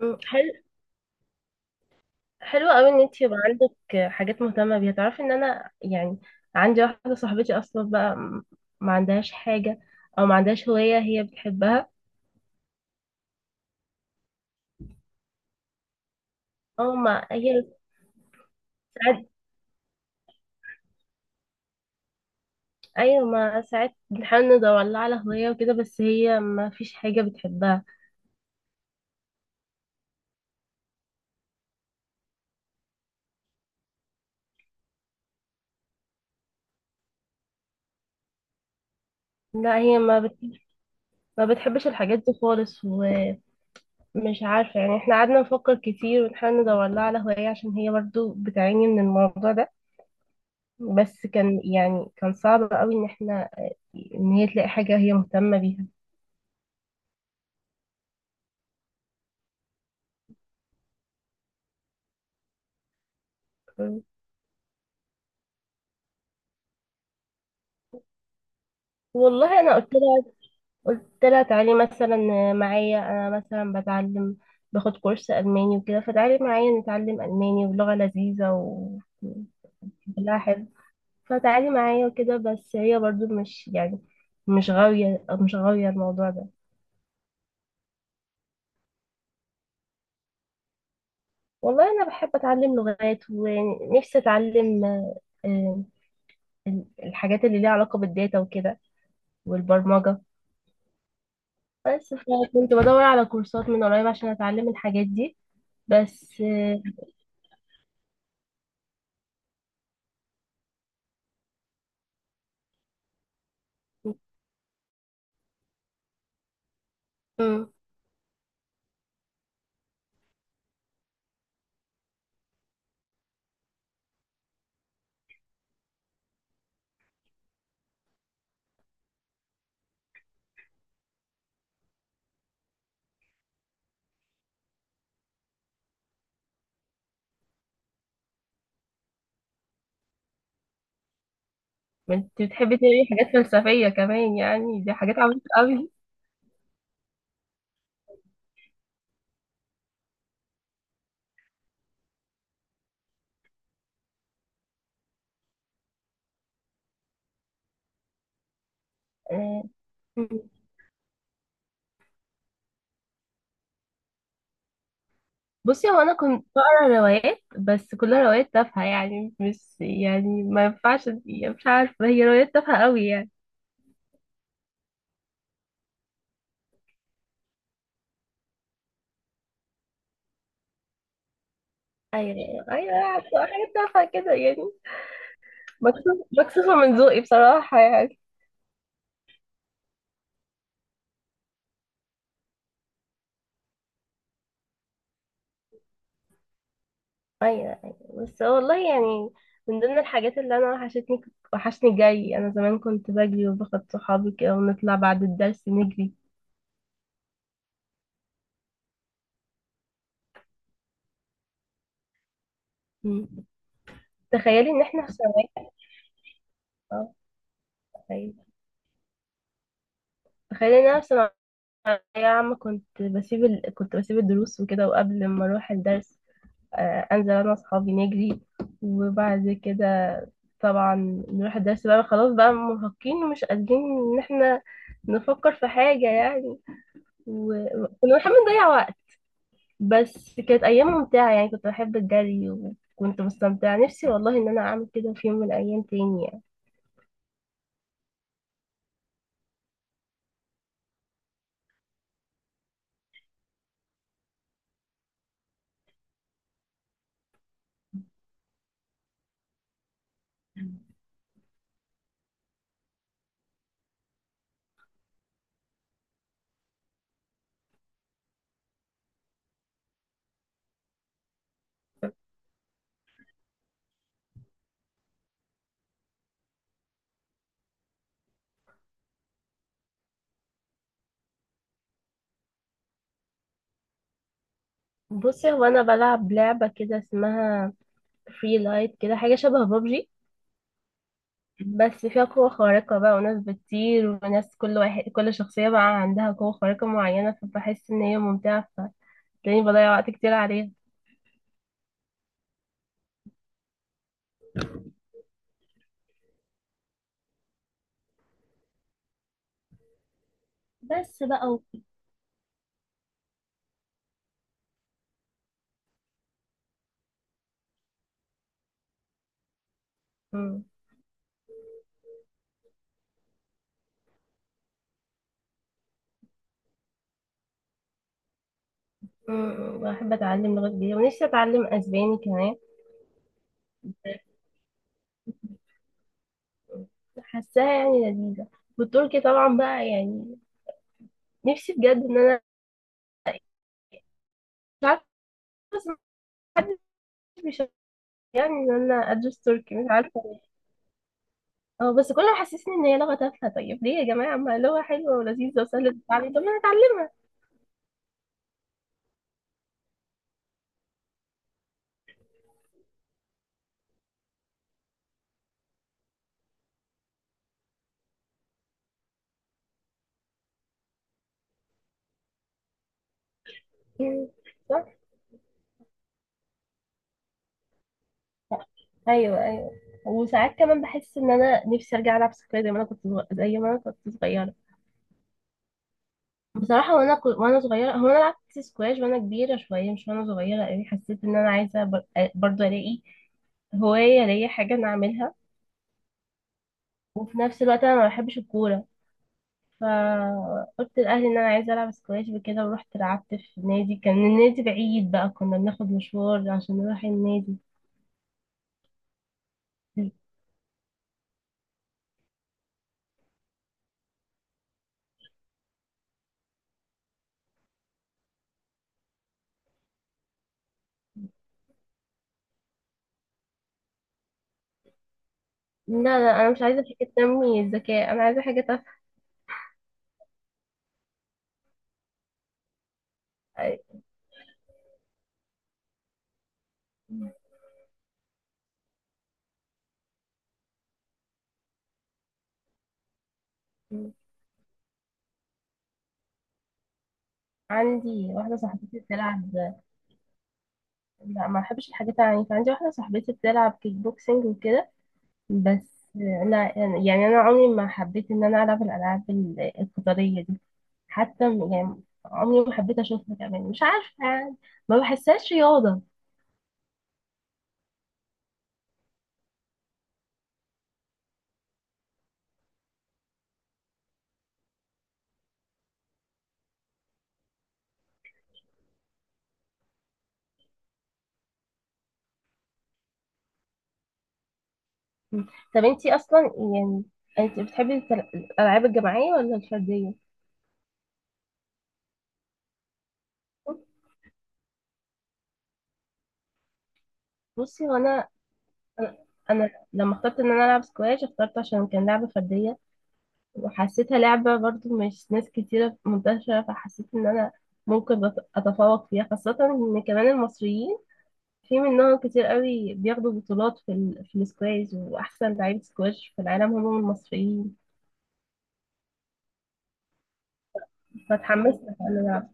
مم. حلو. حلو قوي ان انت يبقى عندك حاجات مهتمه بيها. تعرفي ان انا يعني عندي واحده صاحبتي اصلا بقى ما عندهاش حاجه، او ما عندهاش هوايه هي بتحبها. او ما هي ساعات. ايوه، ما ساعات بنحاول ندور لها على هوايه وكده، بس هي ما فيش حاجه بتحبها. لا، هي ما بتحبش الحاجات دي خالص، ومش عارفه يعني. احنا قعدنا نفكر كتير ونحاول ندور لها على هوايه عشان هي برضو بتعاني من الموضوع ده. بس كان صعب قوي ان هي تلاقي حاجة هي مهتمة بيها. والله انا قلت لها تعالي مثلا معايا. انا مثلا بتعلم، باخد كورس الماني وكده، فتعالي معايا نتعلم الماني، ولغة لذيذة و كلها حلو. فتعالي معايا وكده، بس هي برضو مش يعني مش غاوية الموضوع ده. والله انا بحب اتعلم لغات، ونفسي اتعلم آه، الحاجات اللي ليها علاقة بالداتا وكده، والبرمجة. بس كنت بدور على كورسات من قريب عشان اتعلم الحاجات دي بس مم. انت بتحبي تقري حاجات فلسفية كمان؟ يعني دي حاجات عميقة قوي. آه، مم. بصي هو انا كنت بقرا روايات، بس كلها روايات تافهة يعني، مش يعني ما ينفعش، يعني مش عارفة، هي روايات تافهة قوي يعني. ايوه، ايوه، عارفة، حاجات تافهة كده يعني. مكسوفة مكسوفة من ذوقي بصراحة يعني. ايوه، ايوه، بس والله يعني، من ضمن الحاجات اللي انا وحشتني، وحشني جري. انا زمان كنت بجري وباخد صحابي كده، ونطلع بعد الدرس نجري. مم. تخيلي ان احنا في ثانوية. اه تخيلي تخيلي ان انا في ثانوية عامة، كنت بسيب الدروس وكده، وقبل ما اروح الدرس، انزل انا واصحابي نجري. وبعد كده طبعا نروح الدرس، بقى خلاص بقى مرهقين ومش قادرين ان احنا نفكر في حاجة يعني، وكنا بنحب نضيع وقت. بس كانت ايام ممتعه يعني، كنت بحب الجري وكنت مستمتعه، نفسي والله ان انا اعمل كده في يوم من الايام تاني يعني. بصي هو انا بلعب لعبه كده اسمها فري لايت، كده حاجه شبه بابجي، بس فيها قوة خارقة بقى، وناس بتطير، وناس كل شخصية بقى عندها قوة خارقة معينة، فبحس إن هي ممتعة، فتلاقيني بضيع وقت كتير عليها. بس بقى مم. مم. بحب أتعلم لغات جديدة، ونفسي أتعلم أسباني كمان، حاساها يعني لذيذة. والتركي طبعا بقى يعني، نفسي بجد ان انا مش عارفه، بس محدش بيشجعني ان انا ادرس تركي، مش عارفه ليه. اه بس كله محسسني ان هي لغه تافهه. طيب ليه يا جماعه؟ ما لغه حلوه ولذيذه وسهله التعلم، طب ما نتعلمها. يعني صح. ايوه، ايوه. وساعات كمان بحس ان انا نفسي ارجع العب سكواش زي ما انا كنت صغيره. بصراحه وانا صغيره، هو انا لعبت سكواش وانا كبيره شويه، مش وانا صغيره قوي. حسيت ان انا عايزه برضه الاقي هوايه ليا، حاجه انا اعملها، وفي نفس الوقت انا ما بحبش الكوره. فقلت لأهلي إن أنا عايزة ألعب سكواش وكده، ورحت لعبت في نادي، كان النادي بعيد بقى، كنا بناخد مشوار عشان نروح النادي. لا، لا، أنا مش عايزة حاجة تنمي الذكاء، أنا عايزة حاجة تفهم. عندي واحدة صاحبتي بتلعب. لا، ما بحبش الحاجات العنيفة. عندي واحدة صاحبتي بتلعب كيك بوكسينج وكده، بس أنا يعني أنا عمري ما حبيت إن أنا ألعب الألعاب القتالية دي، حتى يعني عمري ما حبيت أشوفها كمان، مش عارفة يعني، ما بحسهاش رياضة. مم. طب انتي اصلا يعني انتي بتحبي الالعاب الجماعيه ولا الفرديه؟ بصي هو انا انا أنا لما اخترت ان انا العب سكواش، اخترت عشان كان لعبه فرديه، وحسيتها لعبه برضو مش ناس كتيره منتشره، فحسيت ان انا ممكن اتفوق فيها، خاصه ان كمان المصريين في منهم كتير قوي بياخدوا بطولات في السكواش، واحسن لعيبه سكواش في العالم هم المصريين، فاتحمست ان انا العب.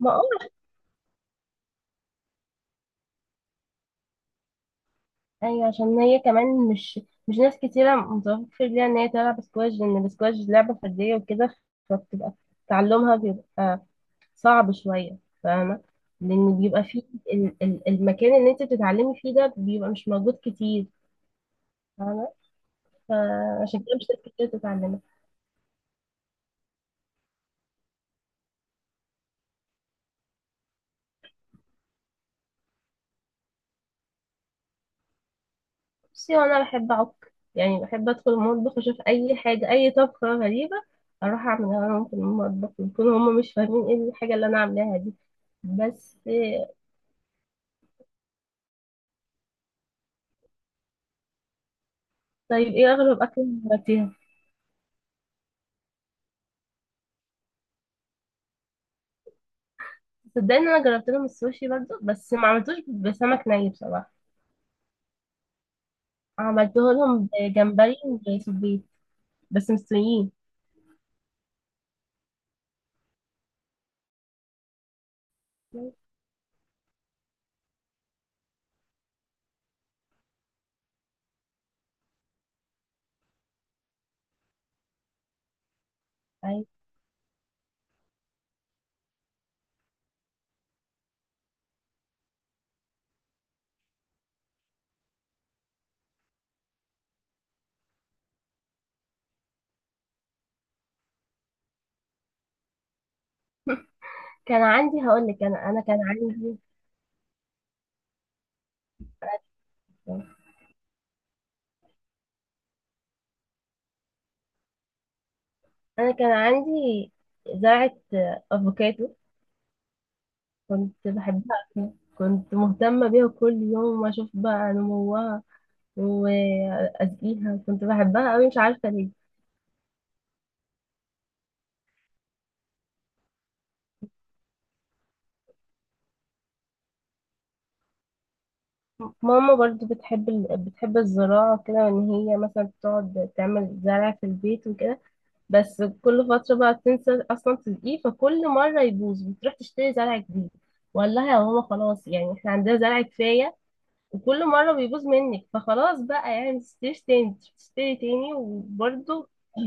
ما ايوه، عشان هي كمان مش ناس كتيره متوفر ليها ان هي تلعب سكواش، لان السكواش لعبه فرديه وكده، فبتبقى تعلمها بيبقى صعب شويه، فاهمه؟ لان بيبقى فيه المكان اللي انت بتتعلمي فيه ده بيبقى مش موجود كتير، فاهمه؟ فعشان كده مش ناس كتير بتتعلمها. بصي انا بحب اعك يعني، بحب ادخل المطبخ اشوف اي حاجه، اي طبخه غريبه اروح اعملها لهم في المطبخ، يكونوا هم مش فاهمين ايه الحاجه اللي انا عاملاها دي بس. طيب ايه اغرب اكل جربتيها؟ صدقني انا جربت لهم السوشي برضو، بس ما عملتوش بسمك ني بصراحه، عملته لهم بجمبري وسبيط، بس مستويين. أيوة. كان عندي هقول لك انا كان عندي زرعه افوكادو. كنت بحبها أوي. كنت مهتمه بيها كل يوم، واشوف بقى نموها واسقيها، كنت بحبها قوي مش عارفه ليه. ماما برضو بتحب الزراعة كده، ان هي مثلا تقعد تعمل زرع في البيت وكده، بس كل فترة بقى تنسى اصلا تسقيه، فكل مرة يبوظ بتروح تشتري زرع جديد. والله يا ماما خلاص، يعني احنا عندنا زرع كفاية، وكل مرة بيبوظ منك فخلاص بقى، يعني متشتريش تاني، تشتري تاني وبرضو.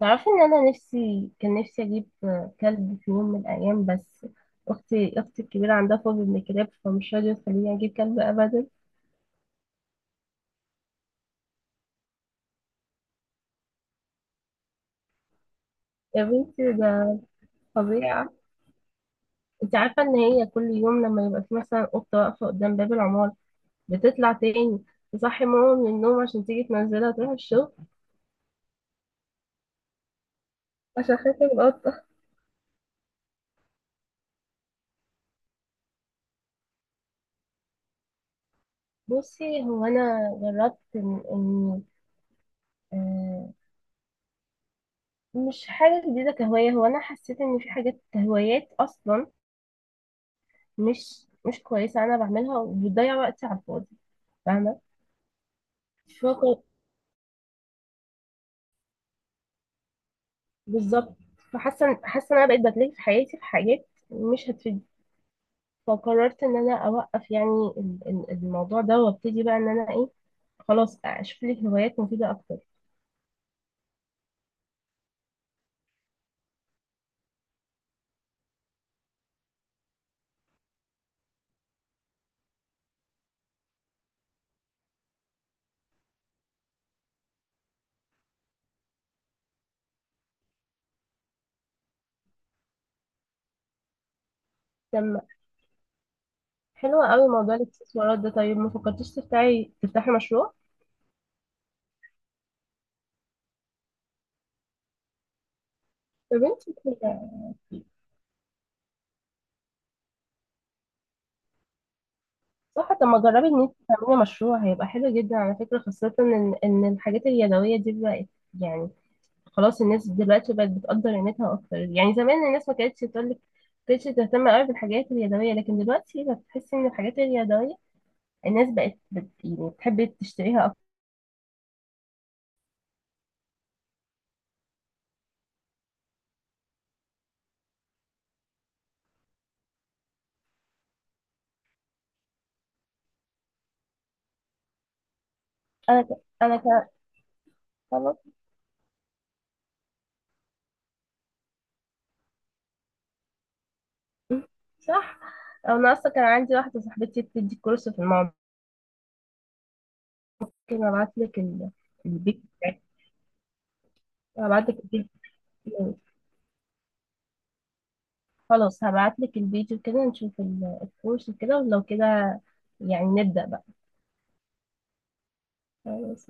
تعرفي ان انا كان نفسي اجيب كلب في يوم من الايام، بس اختي الكبيرة عندها فوبيا من الكلاب، فمش راضية تخليني اجيب كلب ابدا. يا بنتي ده فظيعة. انت عارفة ان هي كل يوم لما يبقى في مثلا قطة واقفة قدام باب العمارة، بتطلع تاني تصحي ماما من النوم عشان تيجي تنزلها تروح الشغل، عشان خاطر القطة. بصي هو انا جربت إن آه مش حاجة جديدة كهواية، هو انا حسيت ان في حاجات هوايات اصلا مش كويسة انا بعملها، وبتضيع وقتي على الفاضي، فاهمة؟ فوق بالظبط. فحاسة ان انا بقيت بتلاقي في حياتي في حاجات مش هتفيدني، فقررت ان انا اوقف يعني الموضوع ده، وابتدي بقى ان انا ايه، خلاص اشوف لي هوايات مفيده اكتر. لما، حلوه قوي موضوع الاكسسوارات ده. طيب ما فكرتيش تفتحي مشروع يا بنتي كده؟ صح. طب ما جربي ان انت تعملي مشروع، هيبقى حلو جدا على فكره، خاصه ان الحاجات اليدويه دي بقت يعني خلاص. الناس دلوقتي بقت بتقدر قيمتها اكتر. يعني زمان الناس ما كانتش تقول لك، كانتش تهتم قوي بالحاجات اليدويه، لكن دلوقتي بتحسي ان الحاجات اليدويه الناس بقت يعني بتحب تشتريها اكتر. انا ك... انا ك... خلاص. صح. او انا اصلا كان عندي واحده صاحبتي بتدي كورس في الموضوع، ممكن ابعت لك البيج بتاعك. ابعت لك البيج. خلاص، هبعت لك الفيديو كده نشوف الكورس وكده، ولو كده يعني نبدأ بقى. خلاص.